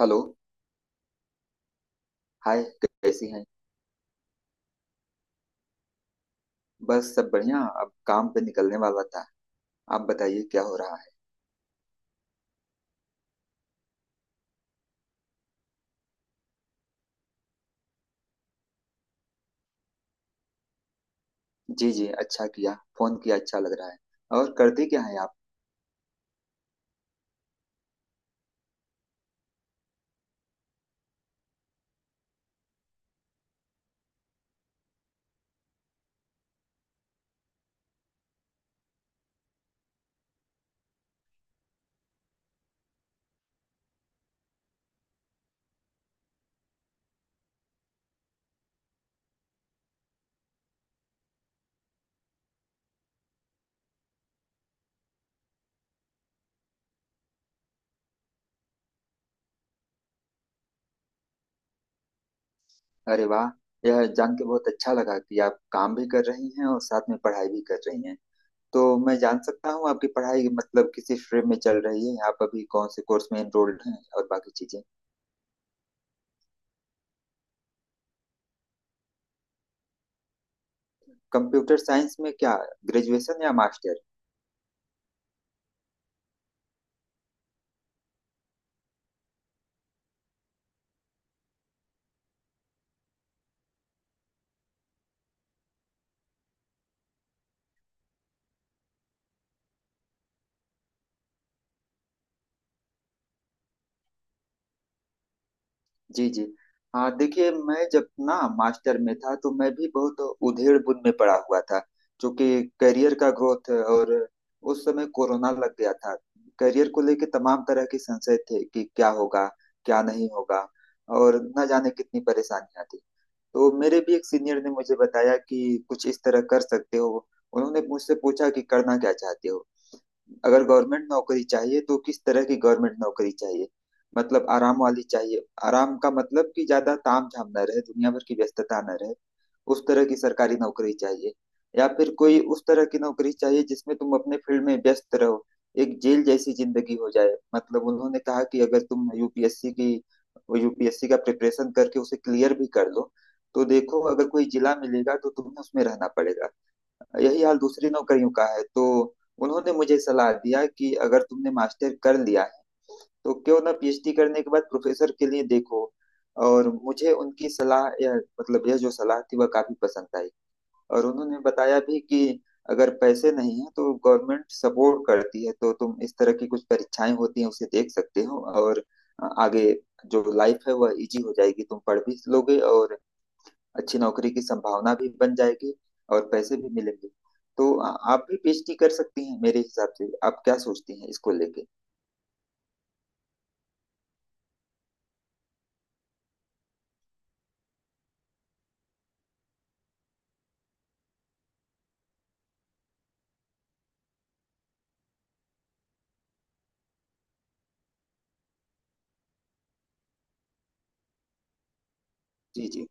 Hello. Hi, कैसी हैं? बस सब बढ़िया। अब काम पे निकलने वाला था। आप बताइए क्या हो रहा है। जी जी, अच्छा किया फोन किया, अच्छा लग रहा है। और करती क्या है आप? अरे वाह! यह जान के बहुत अच्छा लगा कि आप काम भी कर रही हैं और साथ में पढ़ाई भी कर रही हैं। तो मैं जान सकता हूँ आपकी पढ़ाई मतलब किस स्ट्रीम में चल रही है? आप अभी कौन से कोर्स में एनरोल्ड हैं और बाकी चीजें? कंप्यूटर साइंस में क्या? ग्रेजुएशन या मास्टर? जी। जी हाँ, देखिए मैं जब ना मास्टर में था तो मैं भी बहुत उधेड़ बुन में पड़ा हुआ था। क्योंकि करियर का ग्रोथ, और उस समय कोरोना लग गया था। करियर को लेके तमाम तरह के संशय थे कि क्या होगा, क्या नहीं होगा, और न जाने कितनी परेशानियां थी। तो मेरे भी एक सीनियर ने मुझे बताया कि कुछ इस तरह कर सकते हो। उन्होंने मुझसे पूछा कि करना क्या चाहते हो। अगर गवर्नमेंट नौकरी चाहिए तो किस तरह की गवर्नमेंट नौकरी चाहिए? मतलब आराम वाली चाहिए? आराम का मतलब कि ज्यादा ताम झाम न रहे, दुनिया भर की व्यस्तता न रहे, उस तरह की सरकारी नौकरी चाहिए? या फिर कोई उस तरह की नौकरी चाहिए जिसमें तुम अपने फील्ड में व्यस्त रहो, एक जेल जैसी जिंदगी हो जाए? मतलब उन्होंने कहा कि अगर तुम यूपीएससी का प्रिपरेशन करके उसे क्लियर भी कर लो, तो देखो अगर कोई जिला मिलेगा तो तुम्हें उसमें रहना पड़ेगा। यही हाल दूसरे नौकरियों का है। तो उन्होंने मुझे सलाह दिया कि अगर तुमने मास्टर कर लिया है तो क्यों ना पीएचडी करने के बाद प्रोफेसर के लिए देखो। और मुझे उनकी सलाह, यह मतलब यह जो सलाह थी वह काफी पसंद आई। और उन्होंने बताया भी कि अगर पैसे नहीं है तो गवर्नमेंट सपोर्ट करती है, तो तुम इस तरह की कुछ परीक्षाएं होती हैं उसे देख सकते हो, और आगे जो लाइफ है वह इजी हो जाएगी, तुम पढ़ भी लोगे और अच्छी नौकरी की संभावना भी बन जाएगी, और पैसे भी मिलेंगे। तो आप भी पीएचडी कर सकती हैं। मेरे हिसाब से आप क्या सोचती हैं इसको लेके? जी, जी,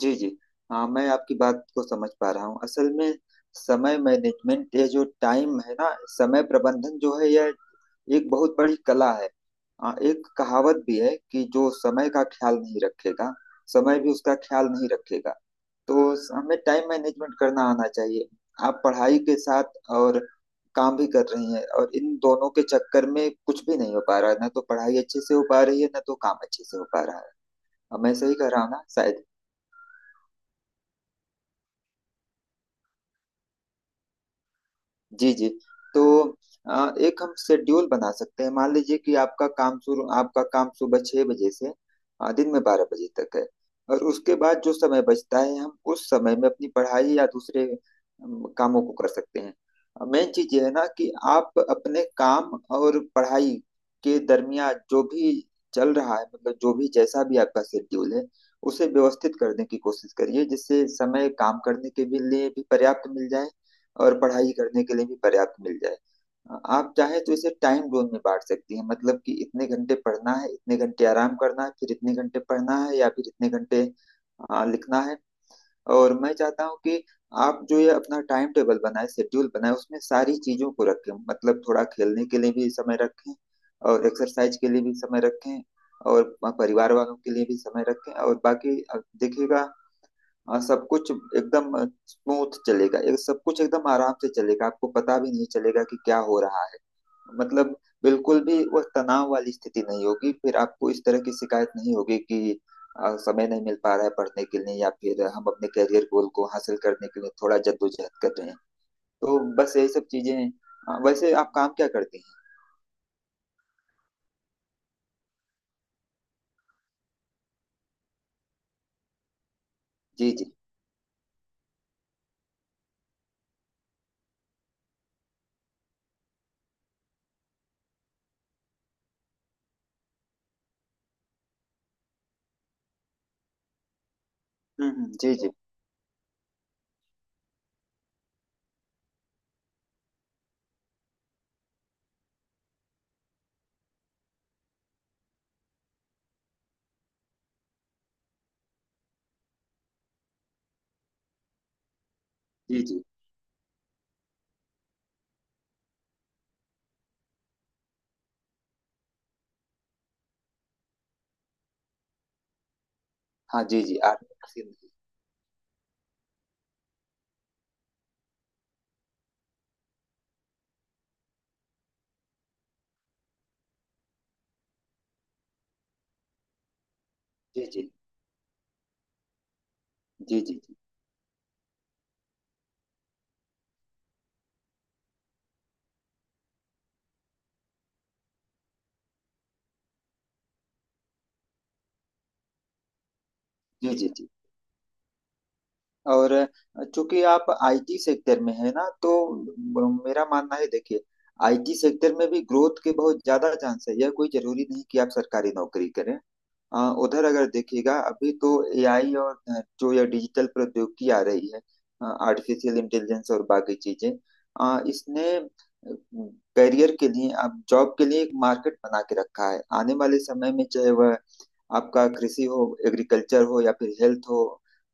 जी, जी हाँ, मैं आपकी बात को समझ पा रहा हूँ। असल में समय मैनेजमेंट, ये जो टाइम है ना, समय प्रबंधन जो है यह एक बहुत बड़ी कला है। एक कहावत भी है कि जो समय का ख्याल नहीं रखेगा, समय भी उसका ख्याल नहीं रखेगा। तो हमें टाइम मैनेजमेंट करना आना चाहिए। आप पढ़ाई के साथ और काम भी कर रही हैं, और इन दोनों के चक्कर में कुछ भी नहीं हो पा रहा है, ना तो पढ़ाई अच्छे से हो पा रही है, ना तो काम अच्छे से हो पा रहा है। अब मैं सही कह रहा हूँ ना शायद? जी जी। तो एक हम शेड्यूल बना सकते हैं। मान लीजिए कि आपका काम सुबह 6 बजे से दिन में 12 बजे तक है। और उसके बाद जो समय बचता है हम उस समय में अपनी पढ़ाई या दूसरे कामों को कर सकते हैं। मेन चीज ये है ना कि आप अपने काम और पढ़ाई के दरमियान जो भी चल रहा है, मतलब जो भी जैसा भी आपका शेड्यूल है, उसे व्यवस्थित करने की कोशिश करिए जिससे समय काम करने के भी लिए भी पर्याप्त मिल जाए और पढ़ाई करने के लिए भी पर्याप्त मिल जाए। आप चाहे तो इसे टाइम जोन में बांट सकती हैं। मतलब कि इतने घंटे पढ़ना है, इतने घंटे आराम करना है, फिर इतने घंटे पढ़ना है या फिर इतने घंटे लिखना है। और मैं चाहता हूँ कि आप जो ये अपना टाइम टेबल बनाए शेड्यूल बनाए, उसमें सारी चीजों को रखें, मतलब थोड़ा खेलने के लिए भी समय रखें और एक्सरसाइज के लिए भी समय रखें और परिवार वालों के लिए भी समय रखें, और बाकी अब देखिएगा। और सब कुछ एकदम स्मूथ चलेगा, एक सब कुछ एकदम आराम से चलेगा, आपको पता भी नहीं चलेगा कि क्या हो रहा है। मतलब बिल्कुल भी वह तनाव वाली स्थिति नहीं होगी, फिर आपको इस तरह की शिकायत नहीं होगी कि समय नहीं मिल पा रहा है पढ़ने के लिए, या फिर हम अपने करियर गोल को हासिल करने के लिए थोड़ा जद्दोजहद कर रहे हैं। तो बस यही सब चीजें हैं। वैसे आप काम क्या करते हैं? जी जी। जी जी। जी जी हाँ, जी जी। आर्मी में। जी जी जी जी जी जी जी जी जी। और चूंकि आप आईटी सेक्टर में है ना, तो मेरा मानना है, देखिए आईटी सेक्टर में भी ग्रोथ के बहुत ज्यादा चांस है। यह कोई जरूरी नहीं कि आप सरकारी नौकरी करें। उधर अगर देखिएगा अभी तो एआई और जो यह डिजिटल प्रौद्योगिकी आ रही है, आर्टिफिशियल इंटेलिजेंस और बाकी चीजें, इसने करियर के लिए, आप जॉब के लिए एक मार्केट बना के रखा है। आने वाले समय में चाहे वह आपका कृषि हो, एग्रीकल्चर हो, या फिर हेल्थ हो,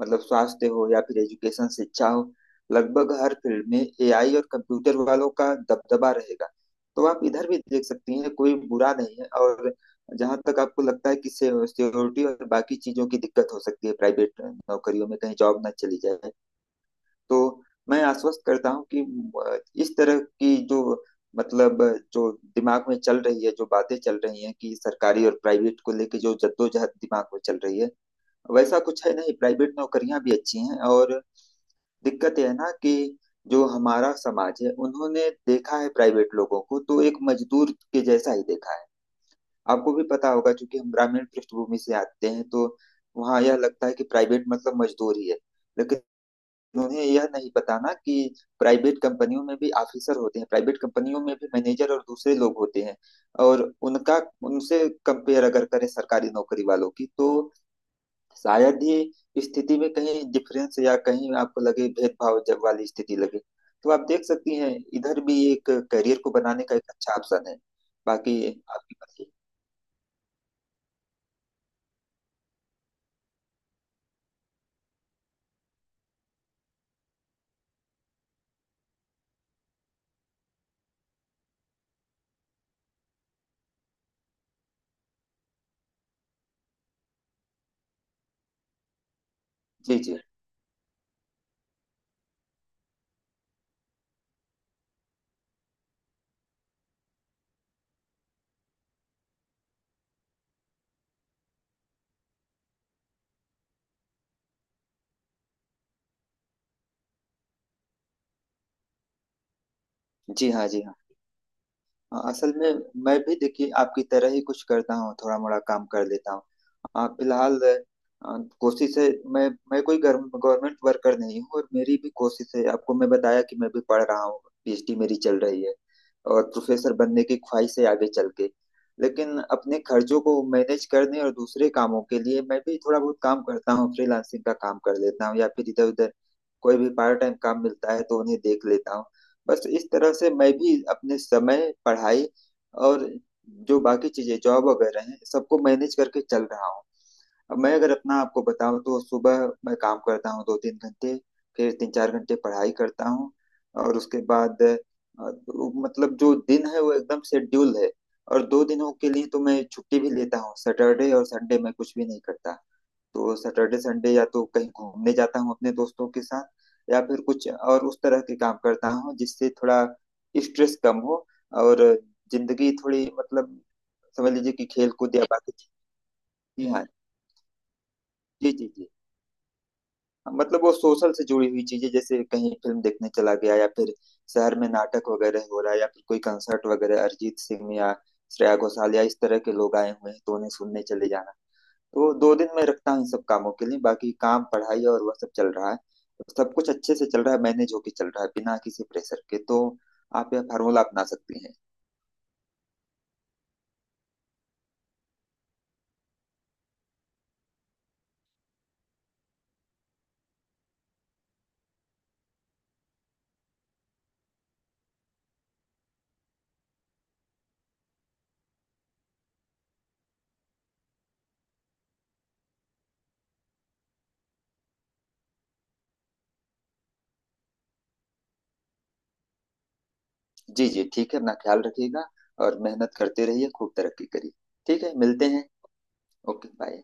मतलब स्वास्थ्य हो, या फिर एजुकेशन शिक्षा हो, लगभग हर फील्ड में एआई और कंप्यूटर वालों का दबदबा रहेगा। तो आप इधर भी देख सकती हैं, कोई बुरा नहीं है। और जहां तक आपको लगता है कि सिक्योरिटी और बाकी चीजों की दिक्कत हो सकती है प्राइवेट नौकरियों में कहीं जॉब ना चली जाए, तो मैं आश्वस्त करता हूँ कि इस तरह की जो मतलब जो दिमाग में चल रही है, जो बातें चल रही हैं कि सरकारी और प्राइवेट को लेके जो जद्दोजहद दिमाग में चल रही है, वैसा कुछ है नहीं। प्राइवेट नौकरियां भी अच्छी हैं। और दिक्कत यह है ना कि जो हमारा समाज है उन्होंने देखा है प्राइवेट लोगों को, तो एक मजदूर के जैसा ही देखा है। आपको भी पता होगा क्योंकि हम ग्रामीण पृष्ठभूमि से आते हैं, तो वहाँ यह लगता है कि प्राइवेट मतलब मजदूर ही है। लेकिन उन्हें यह नहीं पता ना कि प्राइवेट कंपनियों में भी ऑफिसर होते हैं, प्राइवेट कंपनियों में भी मैनेजर और दूसरे लोग होते हैं। और उनका, उनसे कंपेयर अगर करें सरकारी नौकरी वालों की, तो शायद ही स्थिति में कहीं डिफरेंस या कहीं आपको लगे भेदभाव जब वाली स्थिति लगे। तो आप देख सकती हैं इधर भी एक करियर को बनाने का एक अच्छा ऑप्शन है। बाकी आपकी मर्जी। जी जी। जी हाँ, जी हाँ। असल में मैं भी देखिए आपकी तरह ही कुछ करता हूँ, थोड़ा मोड़ा काम कर लेता हूँ। फिलहाल कोशिश है, मैं कोई गवर्नमेंट वर्कर नहीं हूँ। और मेरी भी कोशिश है, आपको मैं बताया कि मैं भी पढ़ रहा हूँ, पीएचडी मेरी चल रही है और प्रोफेसर बनने की ख्वाहिश है आगे चल के। लेकिन अपने खर्चों को मैनेज करने और दूसरे कामों के लिए मैं भी थोड़ा बहुत काम करता हूँ, फ्रीलांसिंग का काम कर लेता हूँ, या फिर इधर उधर कोई भी पार्ट टाइम काम मिलता है तो उन्हें देख लेता हूँ। बस इस तरह से मैं भी अपने समय पढ़ाई और जो बाकी चीजें जॉब वगैरह हैं, सबको मैनेज करके चल रहा हूँ। अब मैं अगर अपना आपको बताऊं, तो सुबह मैं काम करता हूँ 2 3 घंटे, फिर 3 4 घंटे पढ़ाई करता हूँ, और उसके बाद वो मतलब जो दिन है वो एकदम शेड्यूल है। और 2 दिनों के लिए तो मैं छुट्टी भी लेता हूँ, सैटरडे और संडे मैं कुछ भी नहीं करता। तो सैटरडे संडे या तो कहीं घूमने जाता हूँ अपने दोस्तों के साथ, या फिर कुछ और उस तरह के काम करता हूँ जिससे थोड़ा स्ट्रेस कम हो, और जिंदगी थोड़ी, मतलब समझ लीजिए कि खेल कूद या बाकी चीजें। जी हाँ। जी जी जी। मतलब वो सोशल से जुड़ी हुई चीजें, जैसे कहीं फिल्म देखने चला गया, या फिर शहर में नाटक वगैरह हो रहा है, या फिर कोई कंसर्ट वगैरह अरिजीत सिंह या श्रेया घोषाल या इस तरह के लोग आए हुए हैं तो उन्हें सुनने चले जाना। तो 2 दिन मैं रखता हूँ इन सब कामों के लिए, बाकी काम, पढ़ाई और वह सब चल रहा है, तो सब कुछ अच्छे से चल रहा है, मैनेज होके चल रहा है, बिना किसी प्रेशर के। तो आप यह फार्मूला अपना सकती हैं। जी जी, ठीक है, अपना ख्याल रखिएगा और मेहनत करते रहिए, खूब तरक्की करिए। ठीक है, मिलते हैं। Okay bye.